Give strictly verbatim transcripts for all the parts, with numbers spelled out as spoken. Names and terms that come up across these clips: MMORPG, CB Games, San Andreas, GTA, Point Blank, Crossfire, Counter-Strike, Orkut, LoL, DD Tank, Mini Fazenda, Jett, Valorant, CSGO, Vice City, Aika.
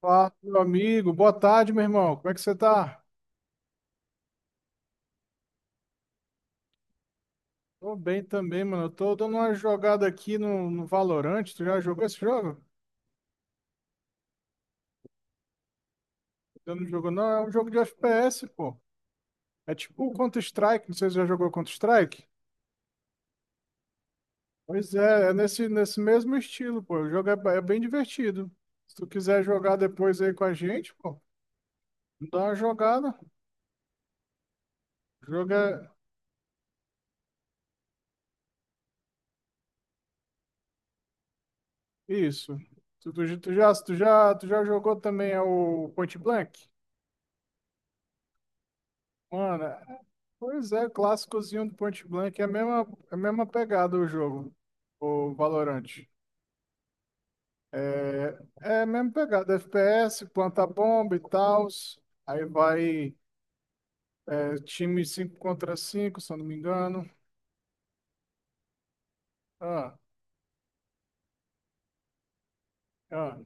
Fala, meu amigo. Boa tarde, meu irmão. Como é que você tá? Tô bem também, mano. Eu tô dando uma jogada aqui no, no Valorant. Tu já jogou esse jogo? Eu não jogo, não. É um jogo de F P S, pô. É tipo o Counter-Strike. Não sei se você já jogou Counter-Strike. Pois é, é nesse, nesse mesmo estilo, pô. O jogo é, ba- é bem divertido. Se tu quiser jogar depois aí com a gente, pô, dá uma jogada. O jogo é isso. Tu, tu, tu já, tu já, tu já jogou também é o Point Blank? Mano, pois é, clássicozinho do Point Blank é a mesma, é a mesma pegada o jogo, o Valorant. É é a mesma pegada, F P S, planta bomba e tal. Aí vai é, time cinco contra cinco, se eu não me engano. Ah, ah.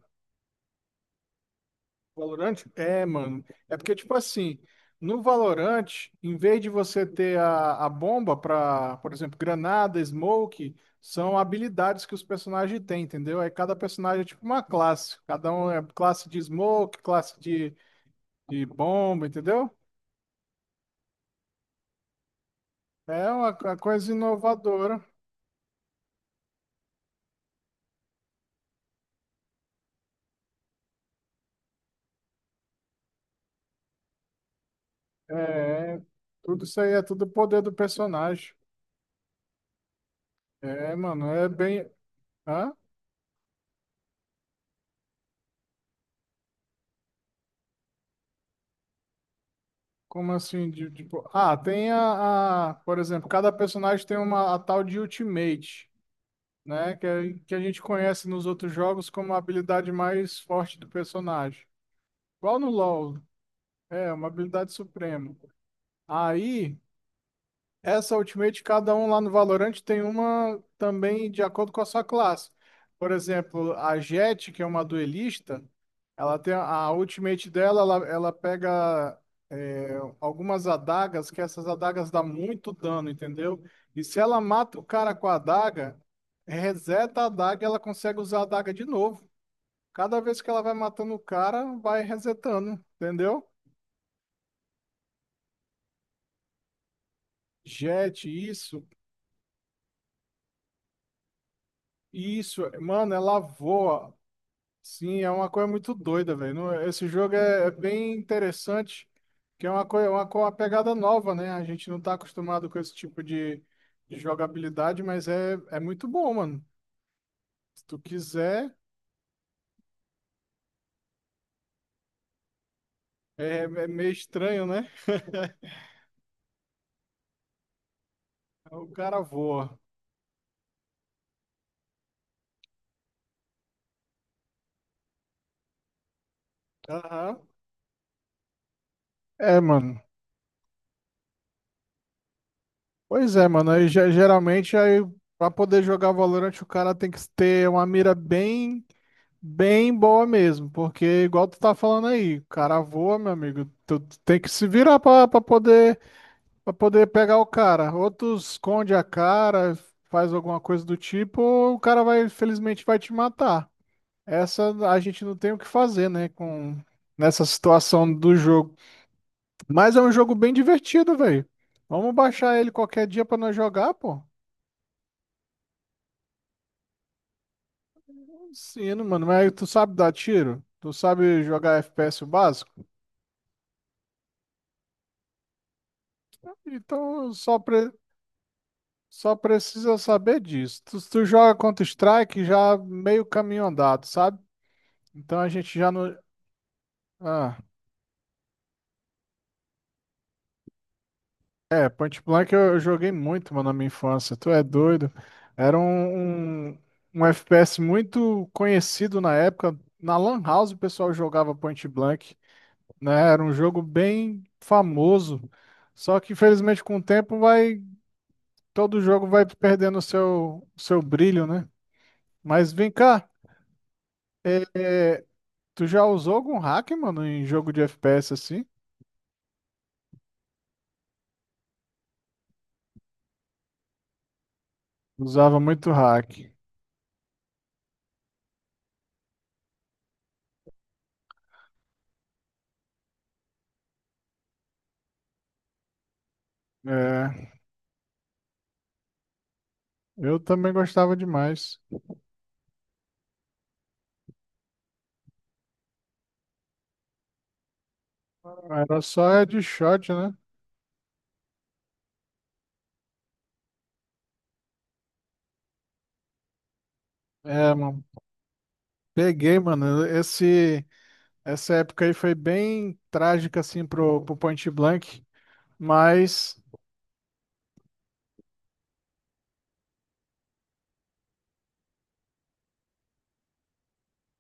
Valorante? É, mano. É porque, tipo assim, no Valorante, em vez de você ter a, a bomba pra, por exemplo, granada, smoke, são habilidades que os personagens têm, entendeu? Aí cada personagem é tipo uma classe. Cada um é classe de smoke, classe de, de bomba, entendeu? É uma, co- coisa inovadora. É, tudo isso aí é tudo poder do personagem. É, mano, é bem. Hã? Como assim? De- tipo, ah, tem. a, a- Por exemplo, cada personagem tem uma a tal de Ultimate, né? Que, é- que a gente conhece nos outros jogos como a habilidade mais forte do personagem. Igual no LoL, é uma habilidade suprema. Aí. Essa Ultimate, cada um lá no Valorant tem uma também de acordo com a sua classe. Por exemplo, a Jett, que é uma duelista, ela tem a Ultimate dela, ela, ela pega é, algumas adagas, que essas adagas dão muito dano, entendeu? E se ela mata o cara com a adaga, reseta a adaga e ela consegue usar a adaga de novo. Cada vez que ela vai matando o cara, vai resetando, entendeu? Jet, isso, isso, mano, ela voa. Sim, é uma coisa muito doida, velho. Não- Esse jogo é, é bem interessante, que é uma coisa, uma, co- uma pegada nova, né? A gente não tá acostumado com esse tipo de, de jogabilidade, mas é, é muito bom, mano. Se tu quiser, é, é meio estranho, né? O cara voa. Aham. É, mano. Pois é, mano. Aí, ge- geralmente, aí, pra poder jogar Valorant, o cara tem que ter uma mira bem. Bem boa mesmo, porque igual tu tá falando aí, o cara voa, meu amigo, tu, tu tem que se virar pra, pra poder, pra poder pegar o cara. Ou tu esconde a cara, faz alguma coisa do tipo, ou o cara vai, infelizmente, vai te matar. Essa a gente não tem o que fazer, né, com nessa situação do jogo. Mas é um jogo bem divertido, velho. Vamos baixar ele qualquer dia pra nós jogar, pô. Sim, mano, mas tu sabe dar tiro? Tu sabe jogar F P S o básico? Então, só pre... Só precisa saber disso. Tu, se tu joga Counter-Strike já meio caminho andado, sabe? Então a gente já não. Ah, é, Point Blank eu, eu joguei muito, mano, na minha infância. Tu é doido. Era um, um, um F P S muito conhecido na época. Na Lan House o pessoal jogava Point Blank, né? Era um jogo bem famoso. Só que infelizmente com o tempo vai. Todo jogo vai perdendo o seu, o seu brilho, né? Mas vem cá. é, é, Tu já usou algum hack, mano, em jogo de F P S assim? Usava muito hack. É, eu também gostava demais. Era só headshot, né? É, mano. Peguei, mano. Esse, essa época aí foi bem trágica, assim, pro, pro Point Blank. Mas.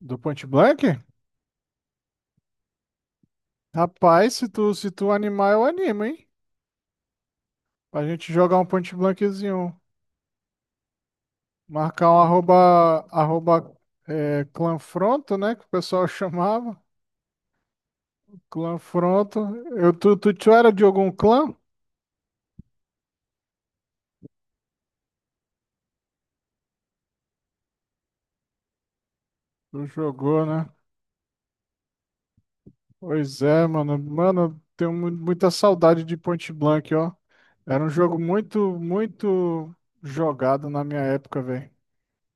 Do Point Blank? Rapaz, se tu, se tu animar, eu animo, hein? Pra gente jogar um Point Blankzinho. Marcar um arroba, arroba é, clanfronto, né? Que o pessoal chamava. Clã Fronto. Eu, tu, tu, tu era de algum clã? Tu jogou, né? Pois é, mano. Mano, tenho mu- muita saudade de Point Blank, ó. Era um jogo muito, muito jogado na minha época, velho.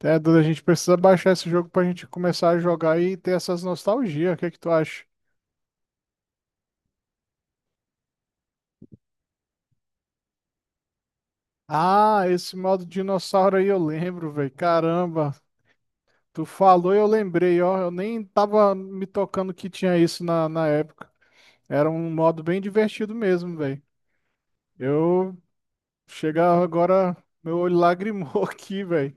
É, Duda, a gente precisa baixar esse jogo pra gente começar a jogar e ter essas nostalgias. O que é que tu acha? Ah, esse modo dinossauro aí eu lembro, velho. Caramba, tu falou e eu lembrei, ó. Eu nem tava me tocando que tinha isso na, na época. Era um modo bem divertido mesmo, velho. Eu chegar agora, meu olho lagrimou aqui, velho.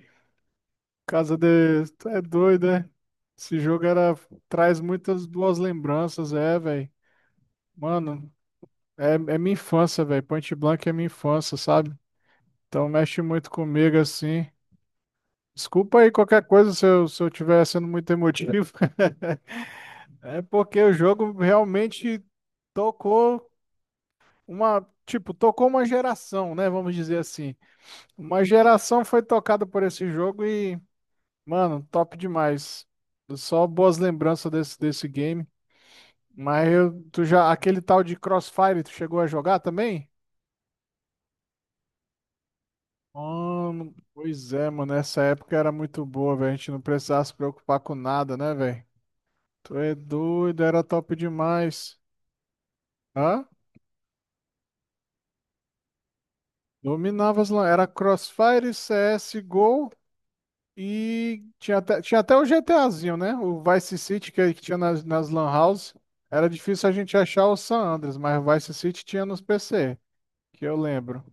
Casa de. Tu é doido, né? Esse jogo era... traz muitas boas lembranças, é, velho. Mano, é, é minha infância, velho. Point Blank é minha infância, sabe? Então mexe muito comigo assim. Desculpa aí qualquer coisa se eu, se eu, tiver sendo muito emotivo. É porque o jogo realmente tocou uma. Tipo, tocou uma geração, né? Vamos dizer assim. Uma geração foi tocada por esse jogo e, mano, top demais. Só boas lembranças desse, desse game. Mas eu, tu já, aquele tal de Crossfire, tu chegou a jogar também? Mano, pois é, mano, essa época era muito boa, velho. A gente não precisava se preocupar com nada, né, velho? Tu é doido, era top demais. Hã? Dominava. as lan... Era Crossfire, C S G O. E tinha até, tinha até o GTAzinho, né? O Vice City que, que tinha nas, nas Lan House. Era difícil a gente achar o San Andreas, mas o Vice City tinha nos P C, que eu lembro.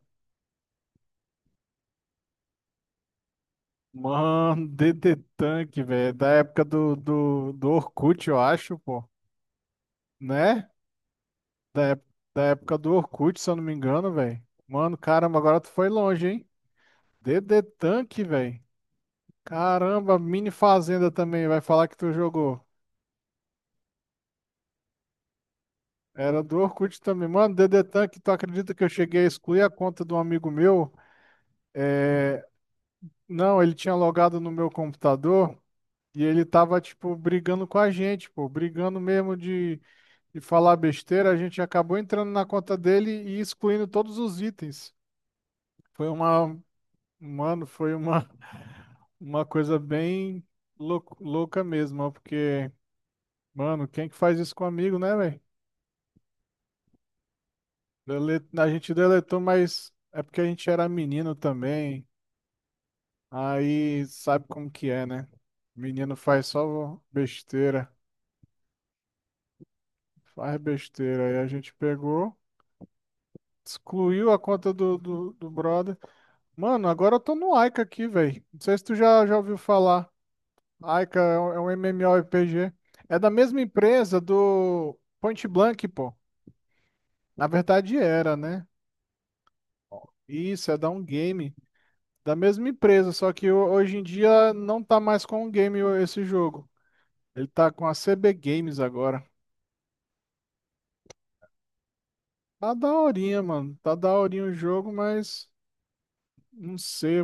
Mano, D D Tank, velho. Da época do, do, do Orkut, eu acho, pô. Né? Da época do Orkut, se eu não me engano, velho. Mano, caramba, agora tu foi longe, hein? D D Tank, velho. Caramba, Mini Fazenda também. Vai falar que tu jogou. Era do Orkut também. Mano, Dedetan, que tu acredita que eu cheguei a excluir a conta de um amigo meu? É, Não, ele tinha logado no meu computador e ele tava, tipo, brigando com a gente, pô. Brigando mesmo de, de falar besteira. A gente acabou entrando na conta dele e excluindo todos os itens. Foi uma... Mano, foi uma... Uma coisa bem lou- louca mesmo, ó, porque... Mano, quem que faz isso com amigo, né, velho? Dele- A gente deletou, mas é porque a gente era menino também. Aí sabe como que é, né? Menino faz só besteira, faz besteira. Aí a gente pegou, excluiu a conta do, do, do brother. Mano, agora eu tô no Aika aqui, velho. Não sei se tu já, já ouviu falar. Aika é um é um M M O R P G. É da mesma empresa do Point Blank, pô. Na verdade era, né? Isso, é da um game. Da mesma empresa, só que ho- hoje em dia não tá mais com o game o- esse jogo. Ele tá com a C B Games agora. Tá daorinha, mano. Tá daorinha o jogo, mas não sei.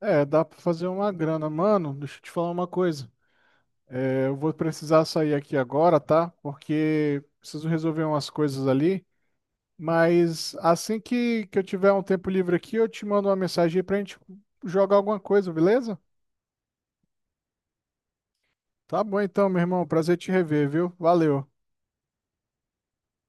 É, dá pra fazer uma grana. Mano, deixa eu te falar uma coisa. É, Eu vou precisar sair aqui agora, tá? Porque preciso resolver umas coisas ali. Mas assim que, que eu tiver um tempo livre aqui, eu te mando uma mensagem aí pra gente jogar alguma coisa, beleza? Tá bom então, meu irmão. Prazer te rever, viu? Valeu.